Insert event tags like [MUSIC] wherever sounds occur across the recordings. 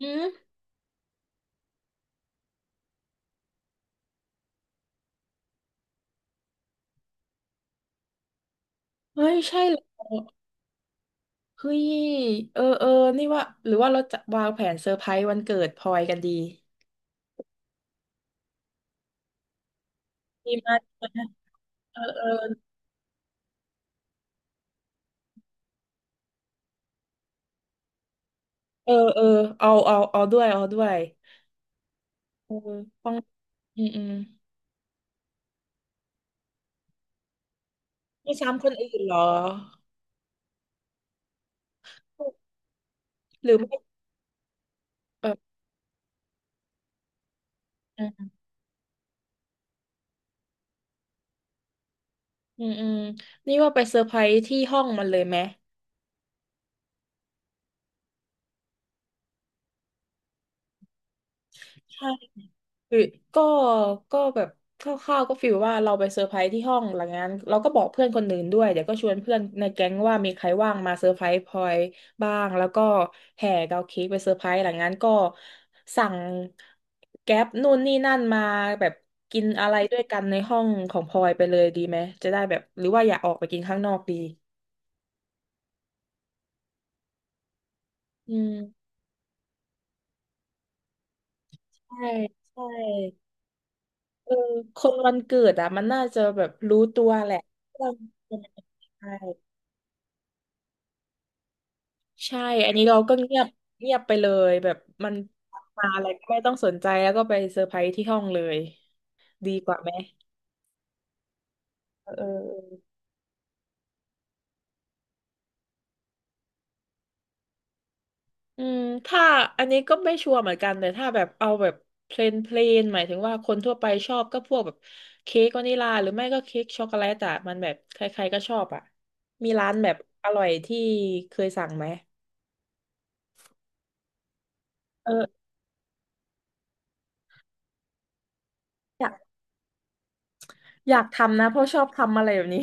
อืมเฮ้ยใช่เหรอเฮ้ยเออนี่ว่าหรือว่าเราจะวางแผนเซอร์ไพรส์วันเกิดพลอยกันดีดีมากเลยนะเออเออเออเอาด้วยเอาด้วยเออต้องอืมไม่ซ้ำคนอื่นเหรอหรือไม่เอออืมอืมนี่ว่าไปเซอร์ไพรส์ที่ห้องมันเลยไหมใช่ หรือก็ก็แบบคร่าวๆก็ฟีลว่าเราไปเซอร์ไพรส์ที่ห้องหลังจากนั้นเราก็บอกเพื่อนคนอื่นด้วยเดี๋ยวก็ชวนเพื่อนในแก๊งว่ามีใครว่างมาเซอร์ไพรส์พลอยบ้างแล้วก็แห่เกาเค้กไปเซอร์ไพรส์หลังจากนั้นก็สั่งแก๊ปนู่นนี่นั่นมาแบบกินอะไรด้วยกันในห้องของพลอยไปเลยดีไหมจะได้แบบหรือว่าอยากออกไปกินข้างนอกดีอืมใช่ใช่เออคนวันเกิดอ่ะมันน่าจะแบบรู้ตัวแหละว่าเป็นยังไง ใช่ อันนี้เราก็เงียบเงียบไปเลยแบบมันมาอะไรก็ไม่ต้องสนใจแล้วก็ไปเซอร์ไพรส์ที่ห้องเลยดีกว่าไหมเออออืมถ้าอันนี้ก็ไม่ชัวร์เหมือนกันแต่ถ้าแบบเอาแบบเพลนเพลนหมายถึงว่าคนทั่วไปชอบก็พวกแบบเค้กวานิลาหรือไม่ก็เค้กช็อกโกแลตอะมันแบบใครๆก็ชอบอะมีร้านแบบอร่อยที่เคยสั่งไหมเอออยากอยากทำนะเพราะชอบทำอะไรแบบนี้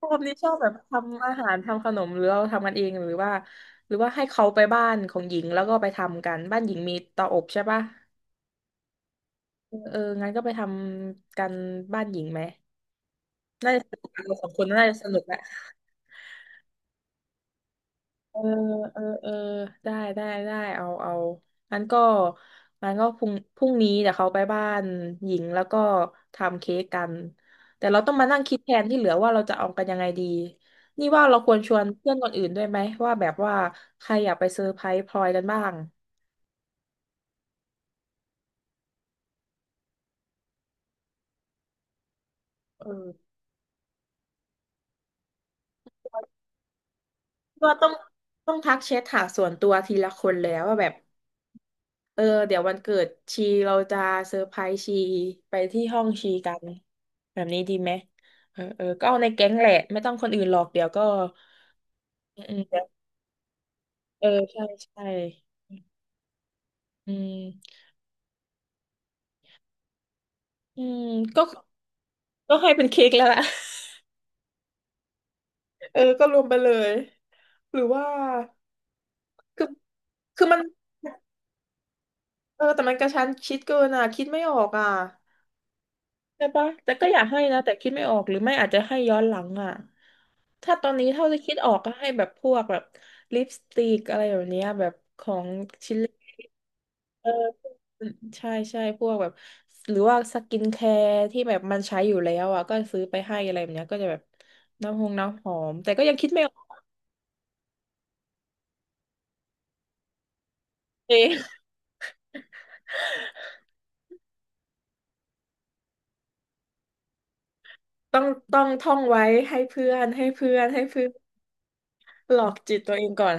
ชอบนี่ชอบแบบทำอาหารทำขนมหรือเราทำกันเองหรือว่าหรือว่าให้เขาไปบ้านของหญิงแล้วก็ไปทำกันบ้านหญิงมีเตาอบใช่ปะเอองั้นก็ไปทำกันบ้านหญิงไหมน่าจะสนุกอะเราสองคนน่าจะสนุกแหละ เออ เออได้ได้ ได้ เอา เอางั้นก็งั้นก็พรุ่งนี้เดี๋ยวเขาไปบ้านหญิงแล้วก็ทำเค้กกัน แต่เราต้องมานั่งคิดแทนที่เหลือว่าเราจะเอากันยังไงดี นี่ว่าเราควรชวนเพื่อนคนอื่นด้วยไหมว่าใครอยากไปเซอร์ไพรส์พลอยกันบ้างเออว่าต้องทักแชทหาส่วนตัวทีละคนแล้วว่าแบบ เออเดี๋ยววันเกิดชีเราจะเซอร์ไพรส์ชีไปที่ห้องชีกันแบบนี้ดีไหมเออก็เอาในแก๊งแหละไม่ต้องคนอื่นหรอกเดี๋ยวก็อืมเดี๋ยวเออใช่ใช่อืมอืมก็ก็ให้เป็นเค้กแล้วล่ะ [LAUGHS] เออก็รวมไปเลยหรือว่าคือคือมันเออแต่มันกระชั้นชิดเกินอ่ะคิดไม่ออกอ่ะใช่ปะแต่ก็อยากให้นะแต่คิดไม่ออกหรือไม่อาจจะให้ย้อนหลังอ่ะ ถ้าตอนนี้เท่าที่คิดออกก็ให้แบบพวกแบบลิปสติกอะไรแบบเนี้ยแบบของชิลเลเออใช่ใช่พวกแบบหรือว่าสกินแคร์ที่แบบมันใช้อยู่แล้วอ่ะก็ซื้อไปให้อะไรแบบเนี้ยก็จะแบบน้ำหอมแต่ก็ยังคิดไม่ออกเอง [LAUGHS] ต้องต้องท่องไว้ให้เพื่อนหลอกจิตตัวเองก่อน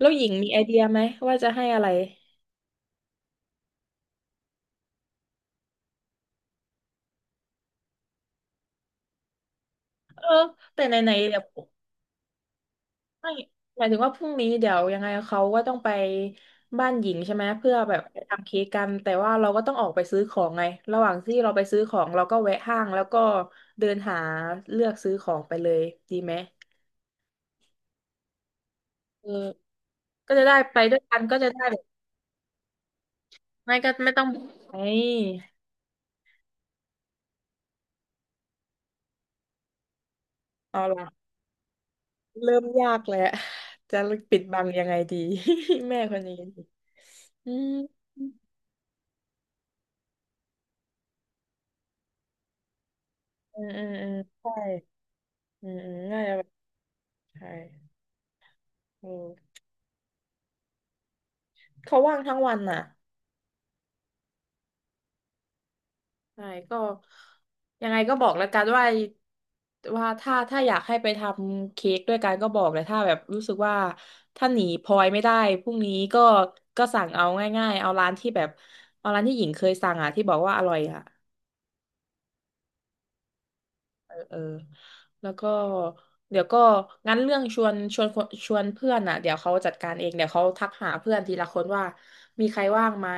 แล้วหญิงมีไอเดียไหมว่าจะให้อะไรเออแต่ไหนๆแบบ ไม่หมายถึงว่าพรุ่งนี้เดี๋ยวยังไงเขาก็ต้องไปบ้านหญิงใช่ไหมเพื่อแบบไปทำเค้กกันแต่ว่าเราก็ต้องออกไปซื้อของไงระหว่างที่เราไปซื้อของเราก็แวะห้างแล้วก็เดินหาเลือกซื้อของไปเลยดีไหมเออก็จะได้ไปด้วยกันก็จะได้แบบไม่ก็ไม่ต้องไอ้เอาล่ะเริ่มยากแล้วจะปิดบังยังไงดี [LAUGHS] แม่คนนี้อืมอืมใช่อืมน่าจะแบบใช่อืม เขาว่างทั้งวันน่ะใช่ก็ยังไงก็บอกแล้วกันว่าว่าถ้าอยากให้ไปทำเค้กด้วยกันก็บอกเลยถ้าแบบรู้สึกว่าถ้าหนีพลอยไม่ได้พรุ่งนี้ก็ก็สั่งเอาง่ายๆเอาร้านที่แบบเอาร้านที่หญิงเคยสั่งอ่ะที่บอกว่าอร่อยอ่ะเออแล้วก็เดี๋ยวก็งั้นเรื่องชวนชวนคนชวนเพื่อนอ่ะเดี๋ยวเขาจัดการเองเดี๋ยวเขาทักหาเพื่อนทีละคนว่ามีใครว่างไหม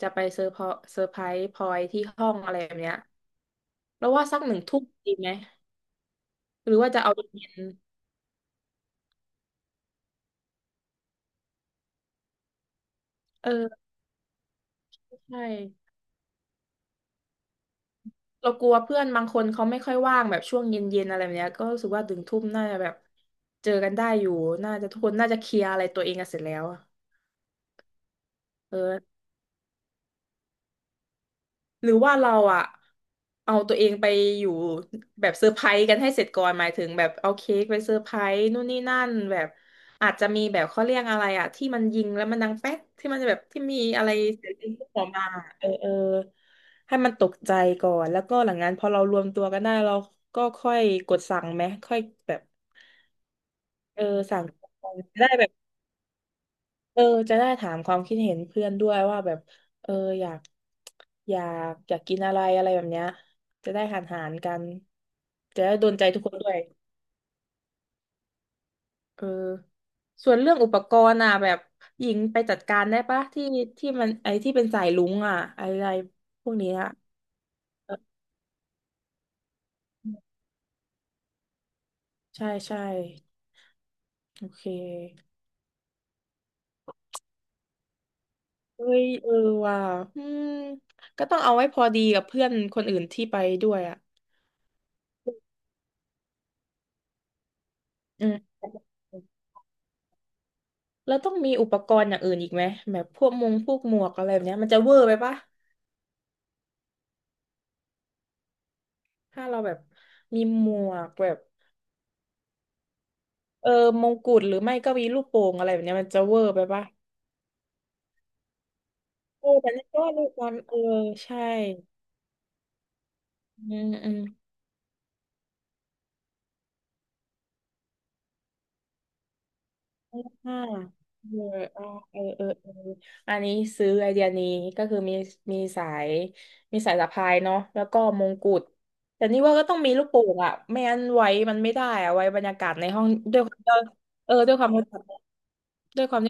จะไปเซอร์ไพรส์พลอยที่ห้องอะไรแบบเนี้ย เราวว่าสัก1 ทุ่มดีไหมหรือว่าจะเอาเย็นๆเออใช่เรากลัวเพื่อนบางคนเขาไม่ค่อยว่างแบบช่วงเย็นๆอะไรแบบเนี้ยก็รู้สึกว่าถึงทุ่มน่าจะแบบเจอกันได้อยู่น่าจะทุกคนน่าจะเคลียร์อะไรตัวเองกันเสร็จแล้วอะเออ หรือว่าเราอะเอาตัวเองไปอยู่แบบเซอร์ไพรส์กันให้เสร็จก่อนหมายถึงแบบเอาเค้กไปเซอร์ไพรส์นู่นนี่นั่นแบบอาจจะมีแบบเขาเรียกอะไรอะที่มันยิงแล้วมันดังแป๊กที่มันจะแบบที่มีอะไรเสียงยิงออกมาเออเออให้มันตกใจก่อนแล้วก็หลังนั้นพอเรารวมตัวกันได้เราก็ค่อยกดสั่งไหมค่อยแบบเออสั่งของได้แบบ เออจะได้ถามความคิดเห็นเพื่อนด้วยว่าแบบเอออยากอยาอยากกินอะไรอะไรแบบเนี้ยจะได้หารกันจะได้โดนใจทุกคนด้วยเออส่วนเรื่องอุปกรณ์อ่ะแบบหญิงไปจัดการได้ปะที่มันไอ้ที่เป็นสายลุงอ่ะอะไรพวกนี้อ่ะเออใช่ใช่โอเคเอ้ยเออว่ะอืมก็ต้องเอาไว้พอดีกับเพื่อนคนอื่นที่ไปด้วยอ่ะอืม แล้วต้องมีอุปกรณ์อย่างอื่นอีกไหมแบบพวกมงพวกหมวกอะไรแบบเนี้ยมันจะเวอร์ไปปะถ้าเราแบบมีหมวกแบบเออมงกุฎหรือไม่ก็มีลูกโป่งอะไรแบบเนี้ยมันจะเวอร์ไปปะเออแต่นี่ก็ลูกบอลเออใช่อืมอืมอ่าเอออ่าเออเออเอออันนี้ซื้อไอเดียนี้ก็คือมีสายมีสายสะพายเนาะแล้วก็มงกุฎแต่นี่ว่าก็ต้องมีลูกโป่งอะไม่งั้นไว้มันไม่ได้อะไว้บรรยากาศในห้องด้วยเออด้วยความ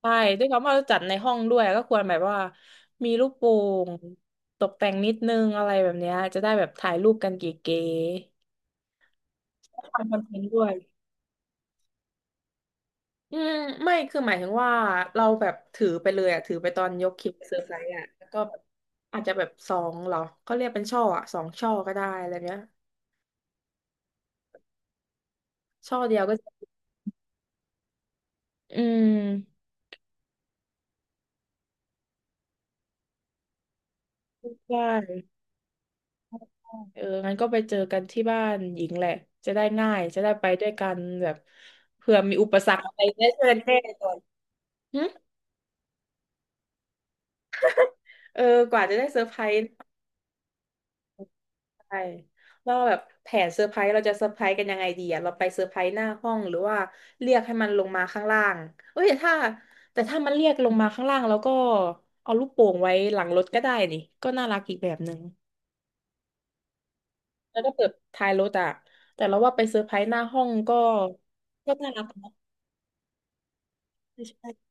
ใช่ด้วยความว่าเราจัดในห้องด้วยก็ควรแบบว่ามีลูกโป่งตกแต่งนิดนึงอะไรแบบเนี้ยจะได้แบบถ่ายรูปกันเก๋ๆทำคอนเทนต์ด้วยอืมไม่คือหมายถึงว่าเราแบบถือไปเลยอ่ะถือไปตอนยกคลิปเซอร์ไพรส์อ่ะแล้วก็แบบอาจจะแบบสองเหรอเขาเรียกเป็นช่ออ่ะสองช่อก็ได้อะไรเนี้ยช่อเดียวก็อืมได้เอองั้นก็ไปเจอกันที่บ้านหญิงแหละจะได้ง่ายจะได้ไปด้วยกันแบบเผื่อมีอุปสรรคอะไรได้ช่วยกันแก้ก่ [LAUGHS] อน หึเออกว่าจะได้เซอร์ไพรส์ไชเราแบบแผนเซอร์ไพรส์เราจะเซอร์ไพรส์กันยังไงดีอะเราไปเซอร์ไพรส์หน้าห้องหรือว่าเรียกให้มันลงมาข้างล่างเอ้ยแต่ถ้ามันเรียกลงมาข้างล่างแล้วก็เอาลูกโป่งไว้หลังรถก็ได้นี่ก็น่ารักอีกแบบหนึ่งแล้วก็เปิดท้ายรถอะแต่เราว่าไปเซอร์ไพรส์หน้าห้องก็ก็น่ารักนะใช่ใช่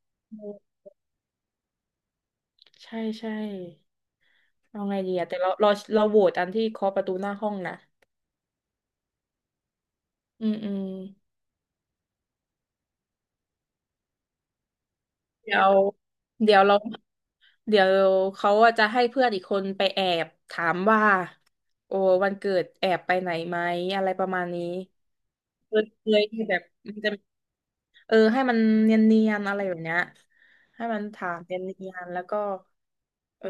ใช่ใช่เอาไงดีอะแต่เราโหวตอันที่เคาะประตูหน้าห้องนะอืมอืมเดี๋ยวเดี๋ยวเรา เดี๋ยวเขาอะจะให้เพื่อนอีกคนไปแอบถามว่าโอ้วันเกิดแอบไปไหนไหมอะไรประมาณนี้เคยที่แบบมันจะเออให้มันเนียนๆอะไรแบบเนี้ยให้มันถามเนียนๆแล้วก็เออ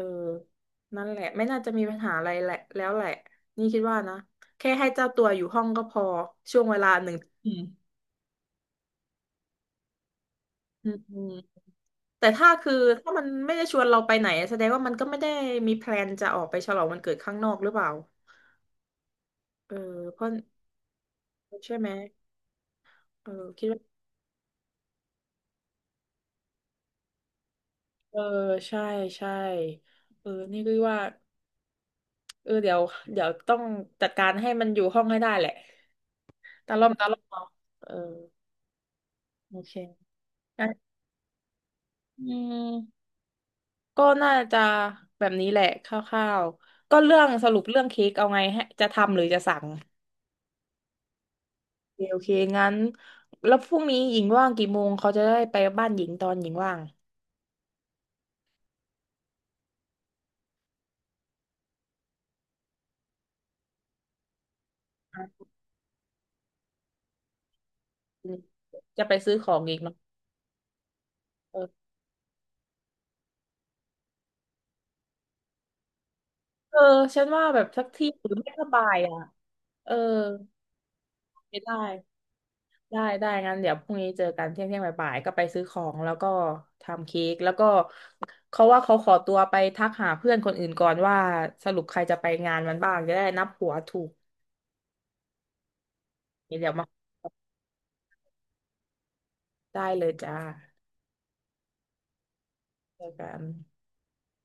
นั่นแหละไม่น่าจะมีปัญหาอะไรแหละแล้วแหละนี่คิดว่านะแค่ให้เจ้าตัวอยู่ห้องก็พอช่วงเวลาหนึ่งอืมอืมอืมแต่ถ้าคือถ้ามันไม่ได้ชวนเราไปไหนแสดงว่ามันก็ไม่ได้มีแพลนจะออกไปฉลองวันเกิดข้างนอกหรือเปล่า เออเพราะใช่ไหมเออคิดว่าเออใช่ใช่เออนี่ก็ว่าเออเดี๋ยวต้องจัดการให้มันอยู่ห้องให้ได้แหละตาล่อมเนาะเออโอเคอะอืมก็น่าจะแบบนี้แหละคร่าวๆก็เรื่องสรุปเรื่องเค้กเอาไงให้จะทำหรือจะสั่งโอเคงั้นแล้วพรุ่งนี้หญิงว่างกี่โมงเขาจะได้ไปบ้านหญิงตอนหญิงว่างอ่ะจะไปซื้อของอีกเนาะ เออฉันว่าแบบสักที่หรือไม่ก็บ่ายอ่ะเออไม่ได้งั้นเดี๋ยวพรุ่งนี้เจอกันเที่ยงเที่ยงบ่ายๆก็ไปซื้อของแล้วก็ทำเค้กแล้วก็เขาว่าเขาขอตัวไปทักหาเพื่อนคนอื่นก่อนว่าสรุปใครจะไปงานมันบ้างจะได้นับหัวถูกเดี๋ยวมาได้เลยจ้าเจอกัน